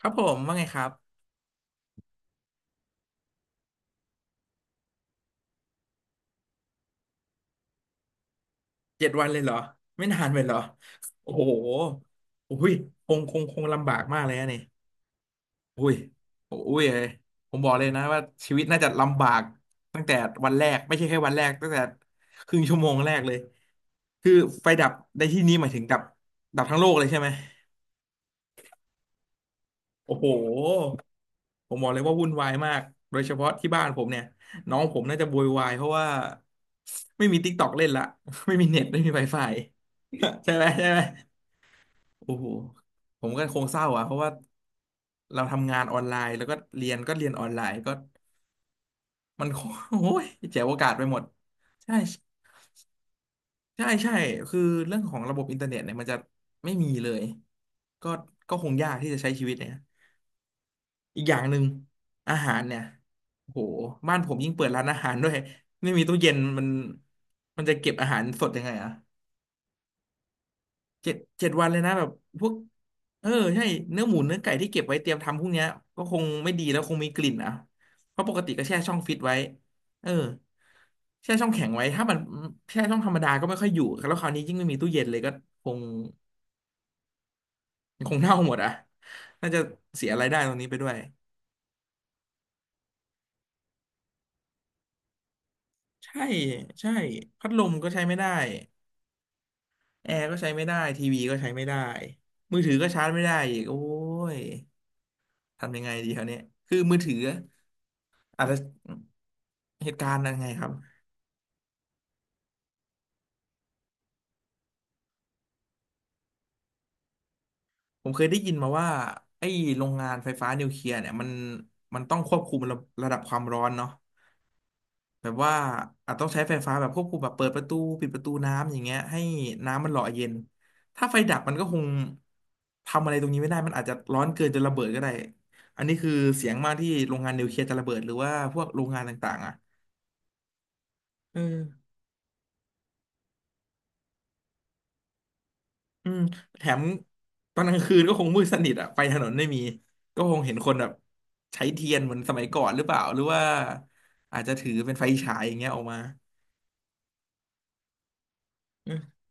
ครับผมว่าไงครับเจ็ดวันเลยเหรอไม่นานไปเหรอโอ้โหอุ้ยคงลำบากมากเลยนะนี่อุ้ยโอุ้ยเอ้ยผมบอกเลยนะว่าชีวิตน่าจะลำบากตั้งแต่วันแรกไม่ใช่แค่วันแรกตั้งแต่ครึ่งชั่วโมงแรกเลยคือไฟดับในที่นี้หมายถึงดับดับทั้งโลกเลยใช่ไหมโอ้โห ผมบอกเลยว่าวุ่นวายมากโดยเฉพาะที่บ้านผมเนี่ยน้องผมน่าจะโวยวายเพราะว่าไม่มี TikTok เล่นละ ไม่มีเน็ตไม่มี Wi-Fi ใช่ไหมใช่ไหมโอ้โหผมก็คงเศร้าอ่ะเพราะว่าเราทำงานออนไลน์แล้วก็เรียนก็เรียนออนไลน์ก็มัน โคโอ้ยเจ๋วโอกาสไปหมดใช่ใช่ใช่คือเรื่องของระบบอินเทอร์เน็ตเนี่ยมันจะไม่มีเลยก็ก็คงยากที่จะใช้ชีวิตเนี่ย อีกอย่างหนึ่งอาหารเนี่ยโอ้โหบ้านผมยิ่งเปิดร้านอาหารด้วยไม่มีตู้เย็นมันมันจะเก็บอาหารสดยังไงอะเจ็ดวันเลยนะแบบพวกเออใช่เนื้อหมูเนื้อไก่ที่เก็บไว้เตรียมทำพวกเนี้ยก็คงไม่ดีแล้วคงมีกลิ่นอ่ะเพราะปกติก็แช่ช่องฟิตไว้เออแช่ช่องแข็งไว้ถ้ามันแช่ช่องธรรมดาก็ไม่ค่อยอยู่แล้วคราวนี้ยิ่งไม่มีตู้เย็นเลยก็คงคงเน่าหมดอ่ะน่าจะเสียรายได้ตรงนี้ไปด้วยใช่ใช่พัดลมก็ใช้ไม่ได้ แอร์ก็ใช้ไม่ได้ทีวีก็ใช้ไม่ได้มือถือก็ชาร์จไม่ได้อีกโอ้ยทำยังไงดีคราวเนี้ยคือมือถืออาจจะเหตุการณ์ยังไงครับผมเคยได้ยินมาว่าไอ้โรงงานไฟฟ้านิวเคลียร์เนี่ยมันมันต้องควบคุมระดับความร้อนเนาะ แบบว่าอาจต้องใช้ไฟฟ้าแบบควบคุมแบบเปิดประตูปิดประตูน้ำอย่างเงี้ยให้น้ำมันหล่อเย็นถ้าไฟดับมันก็คงทำอะไรตรงนี้ไม่ได้มันอาจจะร้อนเกินจนระเบิดก็ได้อันนี้คือเสียงมากที่โรงงานนิวเคลียร์จะระเบิดหรือว่าพวกโรงงานต่างๆอ่ะเอือืมแถมตอนกลางคืนก็คงมืดสนิทอ่ะไฟถนนไม่มีก็คงเห็นคนแบบใช้เทียนเหมือนสมัยก่อนหรือเปล่าหรือว่าอาจจะถือเป็นไฟฉายอย่างเงี้ยออกมาอืม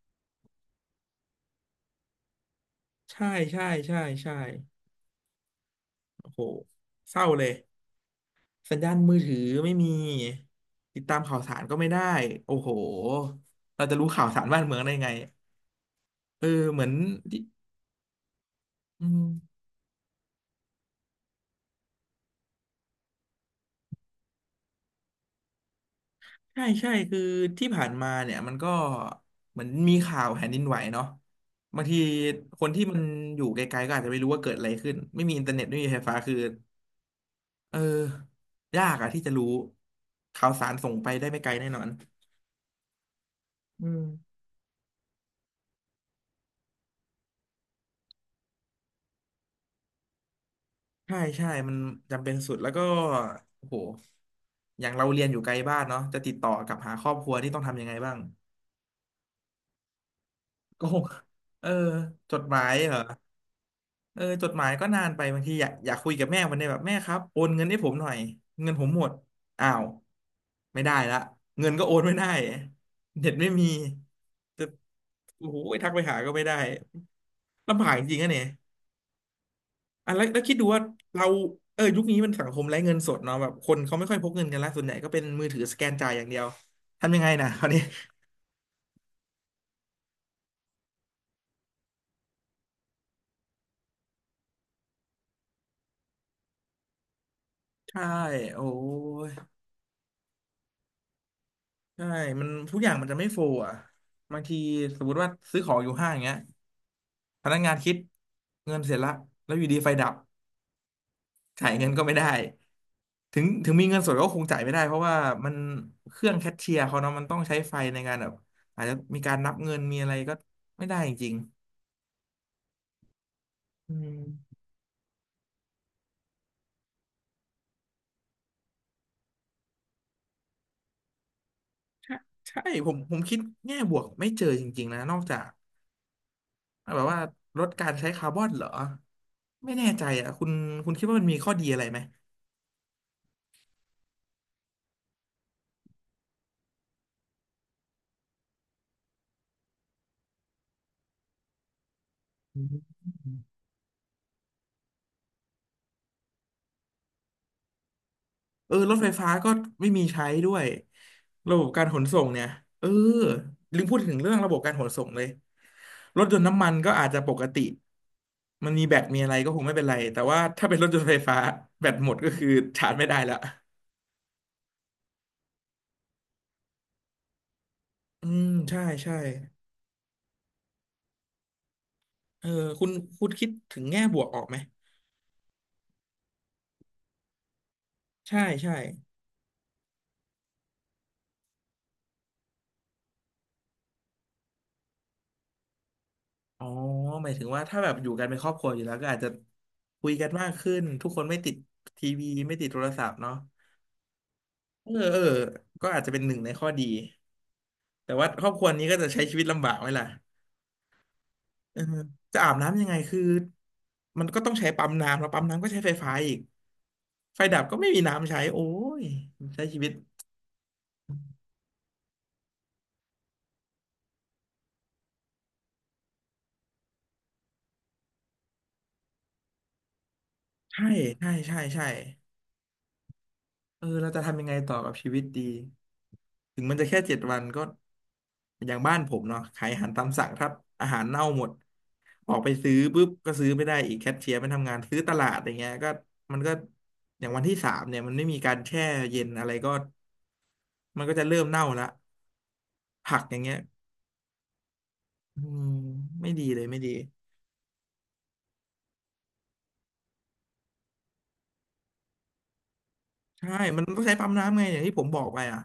ใช่ใช่ใช่ใช่โอ้โหเศร้าเลย สัญญาณมือถือไม่มีติดตามข่าวสารก็ไม่ได้โอ้โหเราจะรู้ข่าวสารบ้านเมืองได้ไงเออเหมือนที่อืมใช่ใช่คือที่ผ่านมาเนี่ยมันก็เหมือนมีข่าวแผ่นดินไหวเนาะบางทีคนที่มันอยู่ไกลๆก็อาจจะไม่รู้ว่าเกิดอะไรขึ้นไม่มีอินเทอร์เน็ตไม่มีไฟฟ้าคือเออยากอะที่จะรู้ข่าวสารส่งไปได้ไม่ไกลแน่นอนอืม ใช่ใช่มันจำเป็นสุดแล้วก็โอ้โหอย่างเราเรียนอยู่ไกลบ้านเนาะจะติดต่อกลับหาครอบครัวนี่ต้องทำยังไงบ้าง ก็คงเออจดหมายเหรอเออจดหมายก็นานไปบางทีอยากคุยกับแม่วันนี้แบบแม่ครับโอนเงินให้ผมหน่อยเงินผมหมดอ้าวไม่ได้ละเงินก็โอนไม่ได้เน็ตไม่มีจะโอ้โหทักไปหาก็ไม่ได้ลำบากจริงๆอะเนี่ย อ่ะแล้วคิดดูว่าเราเออยุคนี้มันสังคมไร้เงินสดเนาะแบบคนเขาไม่ค่อยพกเงินกันละส่วนใหญ่ก็เป็นมือถือสแกนจ่ายอย่างเดียวทำยังไงนะ คราวนี้ใช่โอ้ยใช่มันทุกอย่างมันจะไม่โฟลอ่ะบางทีสมมติว่าซื้อของอยู่ห้างอย่างเงี้ยพนักงานคิดเงินเสร็จละแล้วอยู่ดีไฟดับจ่ายเงินก็ไม่ได้ถึงมีเงินสดก็คงจ่ายไม่ได้เพราะว่ามันเครื่องแคชเชียร์เขาเนาะมันต้องใช้ไฟในการแบบอาจจะมีการนับเงินมีอะไรก็ไม่ได้จริงๆอืม ใช่ผมคิดแง่บวกไม่เจอจริงๆนะนอกจากแบบว่าลดการใช้คาร์บอนเหรอไม่แน่ใจอ่ะคุณคุณคิดว่ามันมีข้อดีอะไรไหมอืมเออรถไฟฟ้าก็ไม่มีใช้ด้วยระบบการขนส่งเนี่ยเออลืมพูดถึงเรื่องระบบการขนส่งเลยรถยนต์น้ำมันก็อาจจะปกติมันมีแบตมีอะไรก็คงไม่เป็นไรแต่ว่าถ้าเป็นรถยนต์ไฟฟ้าแบตหมดก็คือชาร์จไม่ได้ละอืมใช่ใช่เออคุณคุณคิดถึงแง่บวกออกไหมใช่ใช่ อ๋อหมายถึงว่าถ้าแบบอยู่กันเป็นครอบครัวอยู่แล้วก็อาจจะคุยกันมากขึ้นทุกคนไม่ติดทีวีไม่ติดโทรศัพท์เนาะเออเออก็อาจจะเป็นหนึ่งในข้อดีแต่ว่าครอบครัวนี้ก็จะใช้ชีวิตลำบากไหมล่ะเออจะอาบน้ำยังไงคือมันก็ต้องใช้ปั๊มน้ำแล้วปั๊มน้ำก็ใช้ไฟฟ้าอีกไฟดับก็ไม่มีน้ำใช้โอ้ยใช้ชีวิตใช่ใช่ใช่ใช่ เออเราจะทำยังไงต่อกับชีวิตดีถึงมันจะแค่เจ็ดวันก็อย่างบ้านผมเนาะขายอาหารตามสั่งถ้าอาหารเน่าหมดออกไปซื้อปุ๊บก็ซื้อไม่ได้อีกแคชเชียร์ไม่ทำงานซื้อตลาดอย่างเงี้ยก็มันก็อย่างวันที่สามเนี่ยมันไม่มีการแช่เย็นอะไรก็มันก็จะเริ่มเน่าละผักอย่างเงี้ยอืมไม่ดีเลยไม่ดีใช่มันต้องใช้ปั๊มน้ำไงอย่างที่ผมบอกไปอ่ะ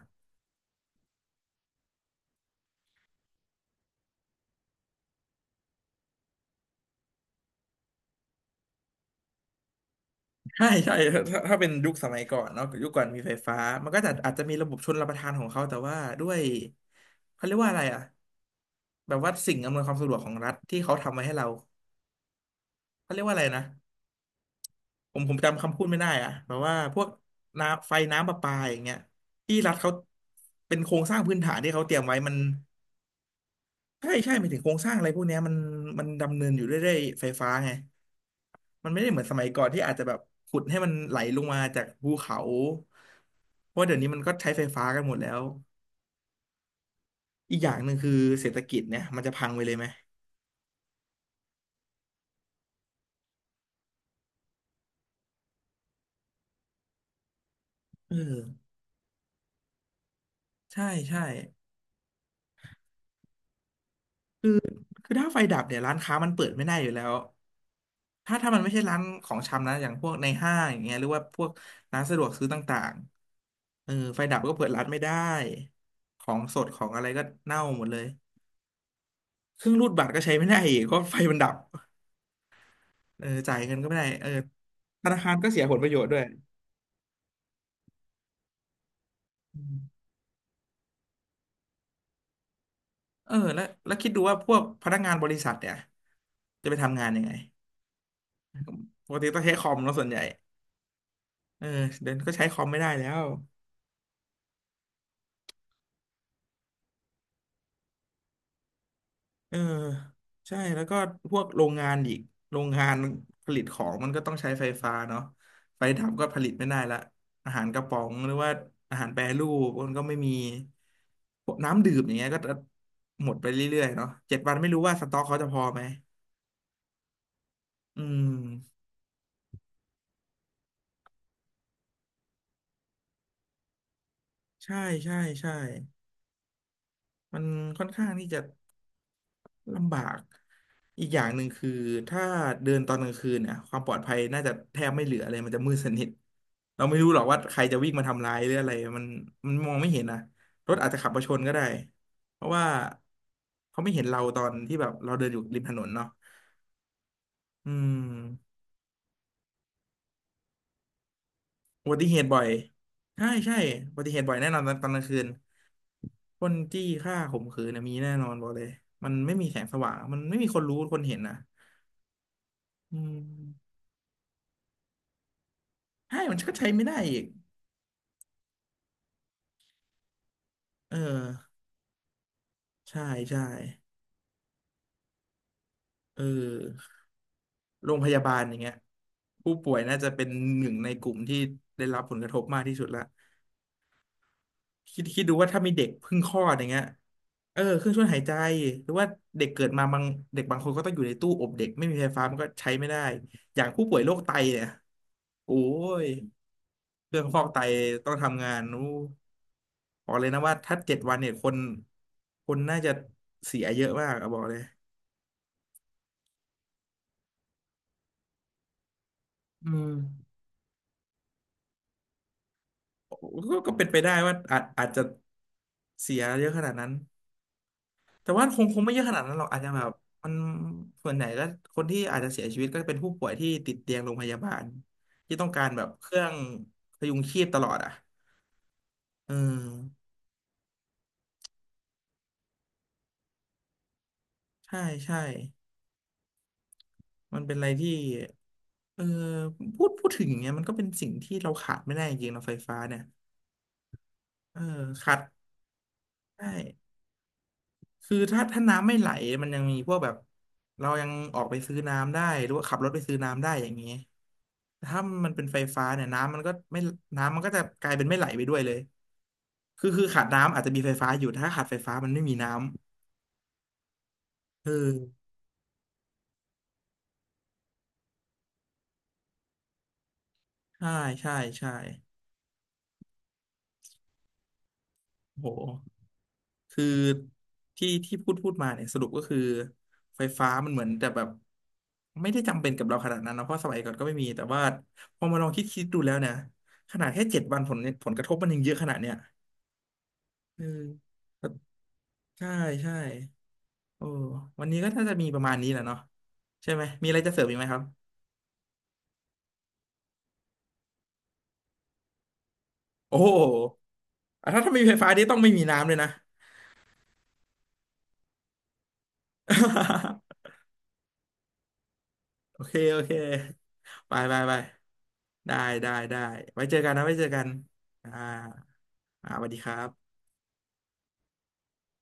ใช่ใช่ถ้าเป็นยุคสมัยก่อนเนาะยุคก่อนมีไฟฟ้ามันก็จะอาจจะมีระบบชลประทานของเขาแต่ว่าด้วยเขาเรียกว่าอะไรอ่ะแบบว่าสิ่งอำนวยความสะดวกของรัฐที่เขาทำมาให้เราเขาเรียกว่าอะไรนะผมจำคำพูดไม่ได้อ่ะแบบว่าพวกน้ำไฟน้ำประปาอย่างเงี้ยที่รัฐเขาเป็นโครงสร้างพื้นฐานที่เขาเตรียมไว้มันใช่ใช่หมายถึงโครงสร้างอะไรพวกเนี้ยมันมันดำเนินอยู่ด้วยไฟฟ้าไง มันไม่ได้เหมือนสมัยก่อนที่อาจจะแบบขุดให้มันไหลลงมาจากภูเขาเพราะเดี๋ยวนี้มันก็ใช้ไฟฟ้ากันหมดแล้วอีกอย่างหนึ่งคือเศรษฐกิจเนี่ยมันจะพังไปเลยไหมเออใช่ใช่ คือถ้าไฟดับเนี่ยร้านค้ามันเปิดไม่ได้อยู่แล้ว ถ้ามันไม่ใช่ร้านของชำนะอย่างพวกในห้างอย่างเงี้ยหรือว่าพวกร้านสะดวกซื้อต่างๆเออไฟดับก็เปิดร้านไม่ได้ของสดของอะไรก็เน่าหมดเลยเครื่องรูดบัตรก็ใช้ไม่ได้อีกเพราะไฟมันดับ เออจ่ายเงินก็ไม่ได้เออธนาคารก็เสียผลประโยชน์ด้วยอืมเออแล้วคิดดูว่าพวกพนักงานบริษัทเนี่ยจะไปทำงานยังไงปกติต้องใช้คอมเนาะส่วนใหญ่เออเดี๋ยวนี้ก็ใช้คอมไม่ได้แล้วเออใช่แล้วก็พวกโรงงานอีกโรงงานผลิตของมันก็ต้องใช้ไฟฟ้าเนาะไฟดับก็ผลิตไม่ได้ละอาหารกระป๋องหรือว่าอาหารแปรรูปมันก็ไม่มีพวกน้ำดื่มอย่างเงี้ยก็จะหมดไปเรื่อยๆเนาะเจ็ดวันไม่รู้ว่าสต็อกเขาจะพอไหมอืม ใช่ใช่ใช่ มันค่อนข้างที่จะลำบาก อีกอย่างหนึ่งคือถ้าเดินตอนกลางคืนเนี่ยความปลอดภัยน่าจะแทบไม่เหลือเลยมันจะมืดสนิท เราไม่รู้หรอกว่าใครจะวิ่งมาทำร้ายหรืออะไรมันมันมองไม่เห็นนะรถอาจจะขับมาชนก็ได้ เพราะว่าเขาไม่เห็นเราตอนที่แบบเราเดินอยู่ริมถนนเนาะอืมอุบัติเหตุบ่อย ใช่ใช่อุบัติเหตุบ่อยแน่นอนตอนกลางคืนค้นจี้ฆ่าข่มขืนนะมีแน่นอนบอกเลยมันไม่มีแสงสว่างมันไม่มีคนรู้คนเห็นนะ อืมให้มันก็ใช้ไม่ได้อีกเออใช่ใช่เออโรงพยาบาลอย่างเงี้ยผู้ป่วยน่าจะเป็นหนึ่งในกลุ่มที่ได้รับผลกระทบมากที่สุดละคิดดูว่าถ้ามีเด็กเพิ่งคลอดอย่างเงี้ยเออเครื่องช่วยหายใจหรือว่าเด็กเกิดมาบางเด็กบางคนก็ต้องอยู่ในตู้อบเด็กไม่มีไฟฟ้ามันก็ใช้ไม่ได้อย่างผู้ป่วยโรคไตเนี่ยโอ้ยเครื่องฟอกไตต้องทำงานนู้ บอกเลยนะว่าถ้าเจ็ดวันเนี่ยคนคนน่าจะเสียเยอะมากอะบอกเลยอืมกก็เป็นไปได้ว่าอาจจะเสียเยอะขนาดนั้นแต่ว่าคงไม่เยอะขนาดนั้นหรอกอาจจะแบบมันส่วนใหญ่ก็คนที่อาจจะเสียชีวิตก็เป็นผู้ป่วยที่ติดเตียงโรงพยาบาลที่ต้องการแบบเครื่องพยุงชีพตลอดอ่ะเออใช่ใช่มันเป็นอะไรที่เออพูดถึงอย่างเงี้ยมันก็เป็นสิ่งที่เราขาดไม่ได้จริงๆเราไฟฟ้าเนี่ยเออขาดได้ คือถ้าน้ำไม่ไหลมันยังมีพวกแบบเรายังออกไปซื้อน้ำได้หรือว่าขับรถไปซื้อน้ำได้อย่างนี้แต่ถ้ามันเป็นไฟฟ้าเนี่ยน้ำมันก็ไม่น้ำมันก็จะกลายเป็นไม่ไหลไปด้วยเลยคือขาดน้ำอาจจะมีไฟฟ้าอยู่ถ้าขาดไฟฟ้ามันไม่มีน้ำเออใช่ใช่ใช่โหคือที่พูดมาเนี่ยสรุปก็คือไฟฟ้ามันเหมือนแต่แบบไม่ได้จำเป็นกับเราขนาดนั้นนะเพราะสมัยก่อนก็ไม่มีแต่ว่าพอมาลองคิดดูแล้วเนี่ยขนาดแค่เจ็ดวันผลกระทบมันยังเยอะขนาดเนี้ย เออใช่ใช่โอ้วันนี้ก็น่าจะมีประมาณนี้แหละเนาะใช่ไหมมีอะไรจะเสริมอีกไหมครับโอ้โหอ่ะถ้ามีไฟฟ้านี่ต้องไม่มีน้ำเลยนะ โอเคโอเคไปไปไปได้ได้ได้ไว้เจอกันนะไว้เจอกันอ่าอ่าสวัสดีครับ